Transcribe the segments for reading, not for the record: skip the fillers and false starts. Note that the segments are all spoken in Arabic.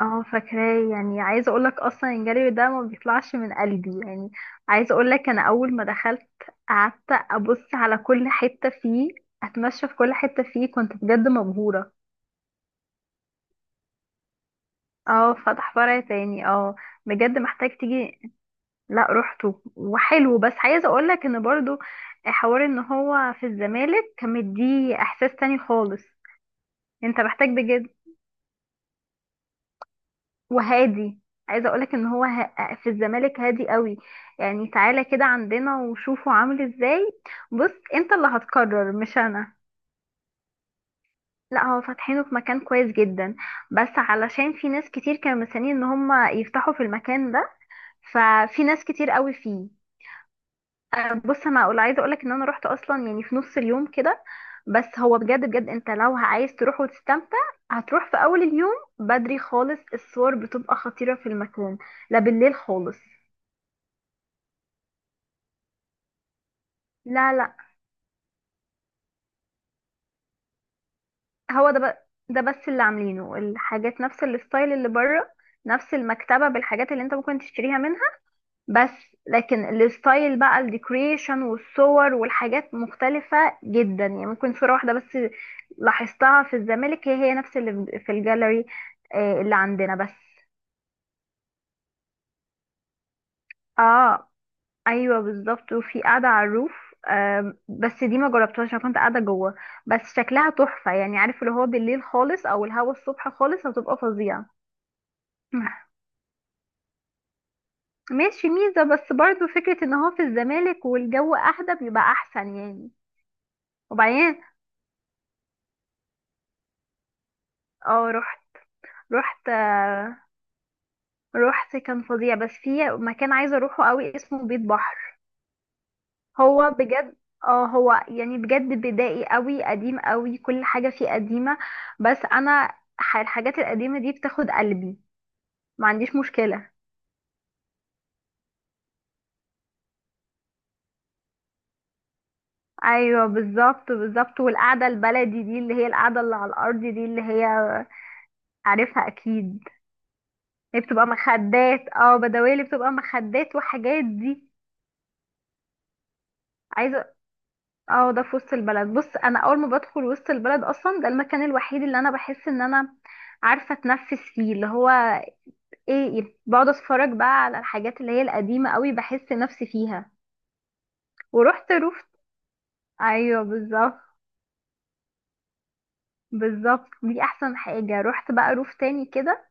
اه، فاكراه. يعني عايزه اقول لك اصلا الجري ده ما بيطلعش من قلبي يعني. عايزه اقول لك، انا اول ما دخلت قعدت ابص على كل حته فيه، اتمشى في كل حته فيه، كنت بجد مبهوره. اه، فتح فرع تاني، اه. بجد محتاج تيجي. لا، روحته وحلو، بس عايزه اقول لك ان برضو حوار ان هو في الزمالك كان مديه احساس تاني خالص. انت محتاج بجد، وهادي. عايزه اقولك ان هو في الزمالك هادي قوي. يعني تعالى كده عندنا وشوفه عامل ازاي. بص، انت اللي هتقرر مش انا. لا، هو فاتحينه في مكان كويس جدا، بس علشان في ناس كتير كانوا مستنيين ان هم يفتحوا في المكان ده، ففي ناس كتير قوي فيه. بص، انا اقول عايزه اقولك ان انا رحت اصلا يعني في نص اليوم كده، بس هو بجد بجد انت لو عايز تروح وتستمتع هتروح في اول اليوم، بدري خالص. الصور بتبقى خطيره في المكان، لا بالليل خالص. لا لا، هو ده بقى، ده بس اللي عاملينه الحاجات نفس الستايل اللي بره، نفس المكتبة بالحاجات اللي انت ممكن تشتريها منها، بس. لكن الستايل بقى، الديكوريشن والصور والحاجات مختلفة جدا، يعني ممكن صورة واحدة بس لاحظتها في الزمالك هي هي نفس اللي في الجاليري، آه، اللي عندنا بس. اه، ايوه بالظبط، وفي قاعدة على الروف، بس دي ما جربتهاش، انا كنت قاعدة جوه. بس شكلها تحفة، يعني عارف اللي هو بالليل خالص او الهوا الصبح خالص هتبقى فظيعة. مح- ماشي، ميزة، بس برضو فكرة ان هو في الزمالك والجو اهدى بيبقى احسن يعني. وبعدين، اه رحت رحت آه، رحت كان فظيع، بس في مكان عايزة اروحه قوي اسمه بيت بحر. هو بجد، اه هو يعني بجد بدائي قوي، قديم قوي، كل حاجة فيه قديمة، بس انا الحاجات القديمة دي بتاخد قلبي، ما عنديش مشكلة. ايوه بالظبط بالظبط، والقعدة البلدي دي اللي هي القعدة اللي على الارض دي اللي هي، عارفها اكيد. هي بتبقى مخدات، بدوالي، بتبقى مخدات وحاجات دي. عايزه اه، ده في وسط البلد. بص، انا اول ما بدخل وسط البلد اصلا، ده المكان الوحيد اللي انا بحس ان انا عارفه اتنفس فيه، اللي هو ايه، بقعد اتفرج بقى على الحاجات اللي هي القديمه قوي، بحس نفسي فيها. ورحت روف، ايوه بالظبط بالظبط، دي احسن حاجه. رحت بقى روف تاني كده،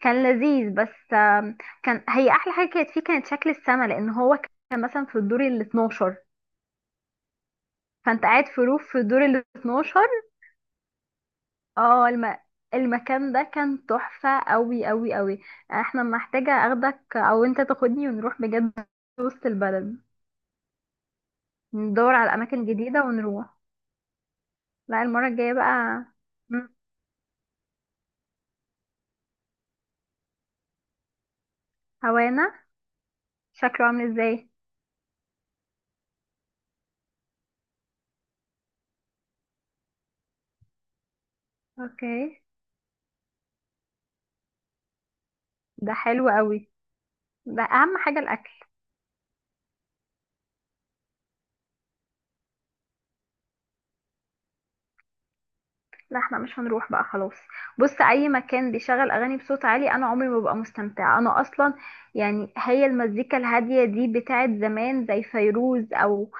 كان لذيذ بس. كان هي احلى حاجه كانت فيه، كانت شكل السما، لان هو كان مثلا في الدور ال 12، فانت قاعد في روف في الدور ال 12. اه، المكان ده كان تحفة قوي قوي قوي. احنا محتاجة اخدك او انت تاخدني، ونروح بجد وسط البلد، ندور على اماكن جديدة ونروح. لا، المرة الجاية بقى. مم. هوانا شكله عامل ازاي؟ اوكي. ده حلو قوي، ده اهم حاجة الاكل. لا، احنا مش هنروح بقى خلاص. بص، اي مكان بيشغل اغاني بصوت عالي انا عمري ما ببقى مستمتعه انا اصلا. يعني هي المزيكا الهاديه دي بتاعت زمان زي فيروز او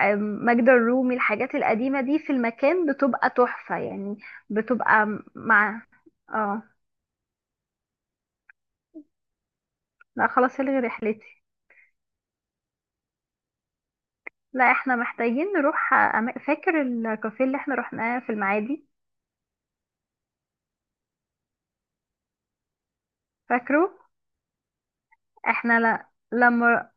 أم، ماجدة الرومي، الحاجات القديمه دي في المكان بتبقى تحفه يعني، بتبقى مع، اه. لا خلاص، الغي رحلتي. لا، احنا محتاجين نروح. فاكر الكافيه اللي احنا رحناه في المعادي؟ فاكره. احنا لما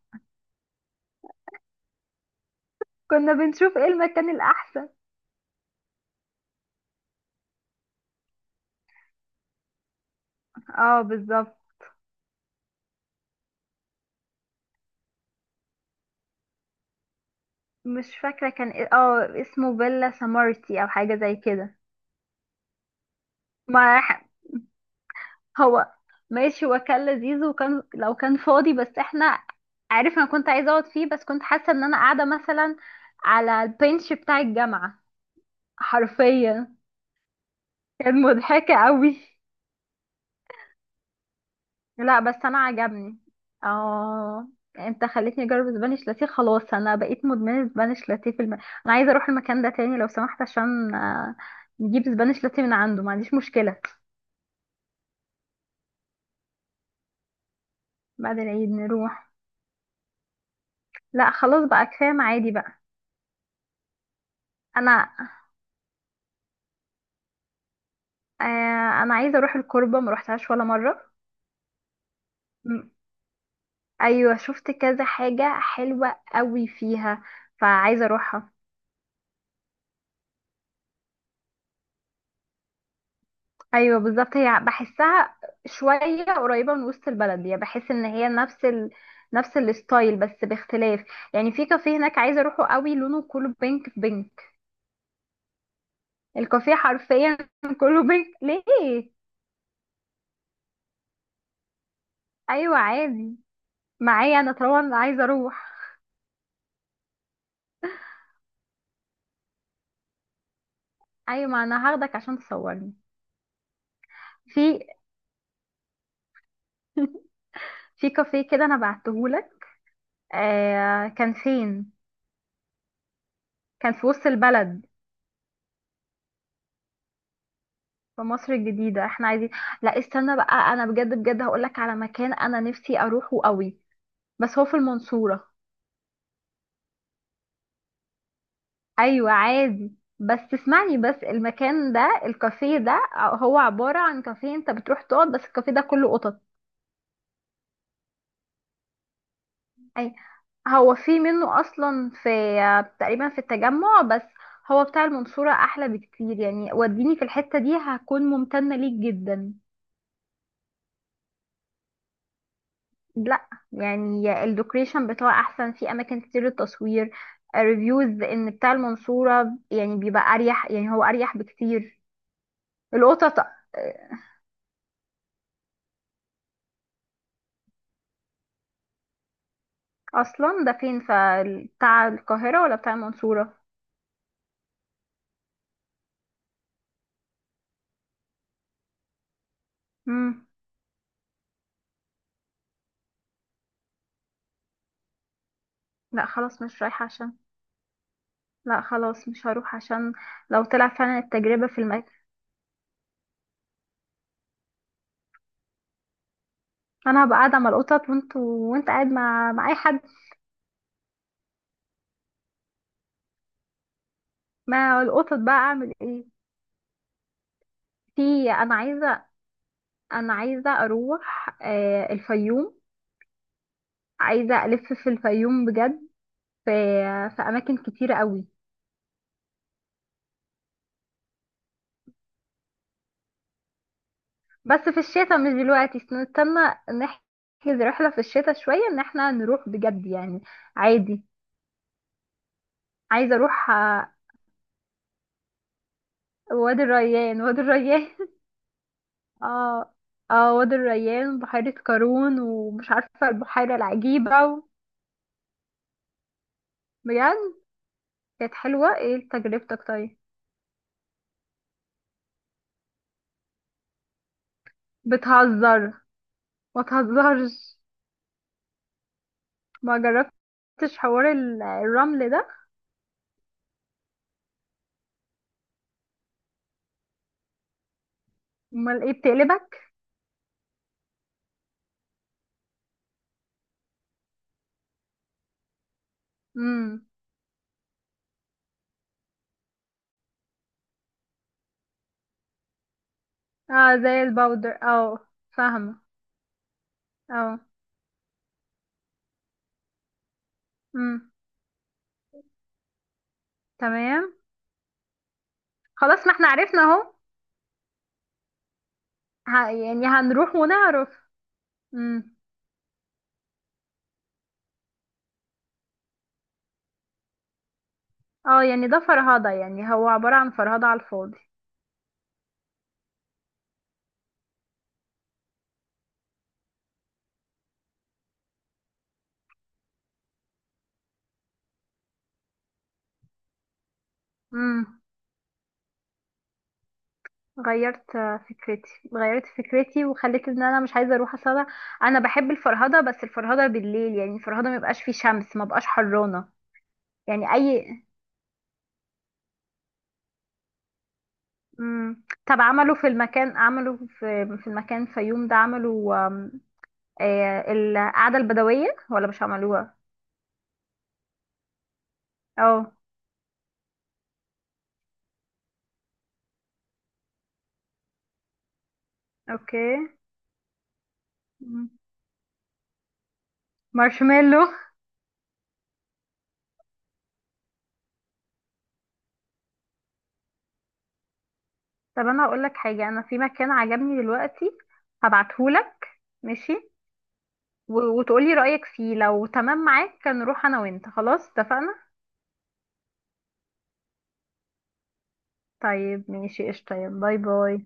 كنا بنشوف ايه المكان الاحسن. اه بالظبط. مش فاكرة، كان اسمه بيلا سامارتي او حاجة زي كده. ما ح- هو ماشي، هو كان لذيذ وكان لو كان فاضي، بس احنا، عارف، انا كنت عايزة اقعد فيه بس كنت حاسة ان انا قاعدة مثلا على البنش بتاع الجامعة حرفيا. كان مضحكة قوي. لا بس انا عجبني، اه. انت خليتني اجرب سبانيش لاتيه، خلاص انا بقيت مدمنة سبانيش لاتيه في انا عايزة اروح المكان ده تاني لو سمحت، عشان آه، نجيب سبانيش لاتيه من عنده، ما عنديش مشكلة. بعد العيد نروح. لا خلاص بقى، كفايه معادي بقى. انا انا عايزه اروح الكوربه، ما روحتهاش ولا مره. م- ايوه، شفت كذا حاجه حلوه قوي فيها، فعايزه اروحها. ايوه بالظبط، هي بحسها شويه قريبه من وسط البلد، يعني بحس ان هي نفس نفس الستايل بس باختلاف. يعني في كافيه هناك عايزه اروحه قوي، لونه كله بينك في بينك. الكافيه حرفيا كله بينك ليه. ايوه عادي، معايا انا طبعا عايزه اروح. ايوه، ما انا هاخدك عشان تصورني. في في كافيه كده انا بعتهولك. آه، كان فين؟ كان في وسط البلد. في مصر الجديدة، احنا عايزين. لا استنى بقى، انا بجد بجد هقولك على مكان انا نفسي اروحه قوي، بس هو في المنصورة. ايوه عادي، بس تسمعني بس. المكان ده الكافيه ده هو عبارة عن كافيه انت بتروح تقعد، بس الكافيه ده كله قطط. اي، هو في منه اصلا، في تقريبا في التجمع، بس هو بتاع المنصورة احلى بكتير يعني. وديني في الحتة دي هكون ممتنة ليك جدا. لا، يعني الديكوريشن بتاعه احسن، في اماكن كتير للتصوير، ريفيوز ان بتاع المنصورة يعني بيبقى اريح، يعني هو اريح بكتير. القطط، آه، اصلا ده فين، فبتاع القاهرة ولا بتاع المنصورة؟ امم. لا خلاص مش رايحة عشان. لا خلاص مش هروح عشان، لو طلع فعلا التجربة في المكان، انا هبقى قاعده مع القطط، وانت قاعد مع اي حد. مع القطط بقى، اعمل ايه؟ في انا عايزه انا عايزه اروح آه، الفيوم. عايزه في الفيوم بجد. في اماكن كتيره قوي، بس في الشتاء مش دلوقتي، استنى نحجز رحله في الشتاء شويه ان احنا نروح بجد يعني، عادي. عايزه اروح وادي الريان، وادي الريان اه اه، وادي الريان، بحيره قارون، ومش عارفه البحيره العجيبه. بجد؟ كانت حلوة. ايه تجربتك طيب؟ بتهزر. ما تهزرش. ما جربتش حوار الرمل ده. امال ايه بتقلبك. امم. اه، زي الباودر، اه. فاهمة. اه. امم. تمام. خلاص، ما احنا عرفنا اهو. يعني هنروح ونعرف. امم. اه، يعني ده فرهدة، يعني هو عبارة عن فرهدة على الفاضي. امم. غيرت فكرتي، غيرت فكرتي وخليت ان انا مش عايزه اروح، اصل انا، أنا بحب الفرهده بس الفرهده بالليل، يعني الفرهده ما يبقاش فيه شمس، ما بقاش حرانه. يعني اي. مم. طب عملوا في المكان، عملوا في المكان فيوم ده، عملوا، آه، القعده البدويه ولا مش عملوها؟ اه اوكي. مم. مارشميلو. طب انا هقول لك حاجه، انا في مكان عجبني دلوقتي هبعتهولك. ماشي. وتقولي رأيك فيه، لو تمام معاك نروح انا وانت، خلاص اتفقنا. طيب ماشي، قشطة، يلا، باي باي.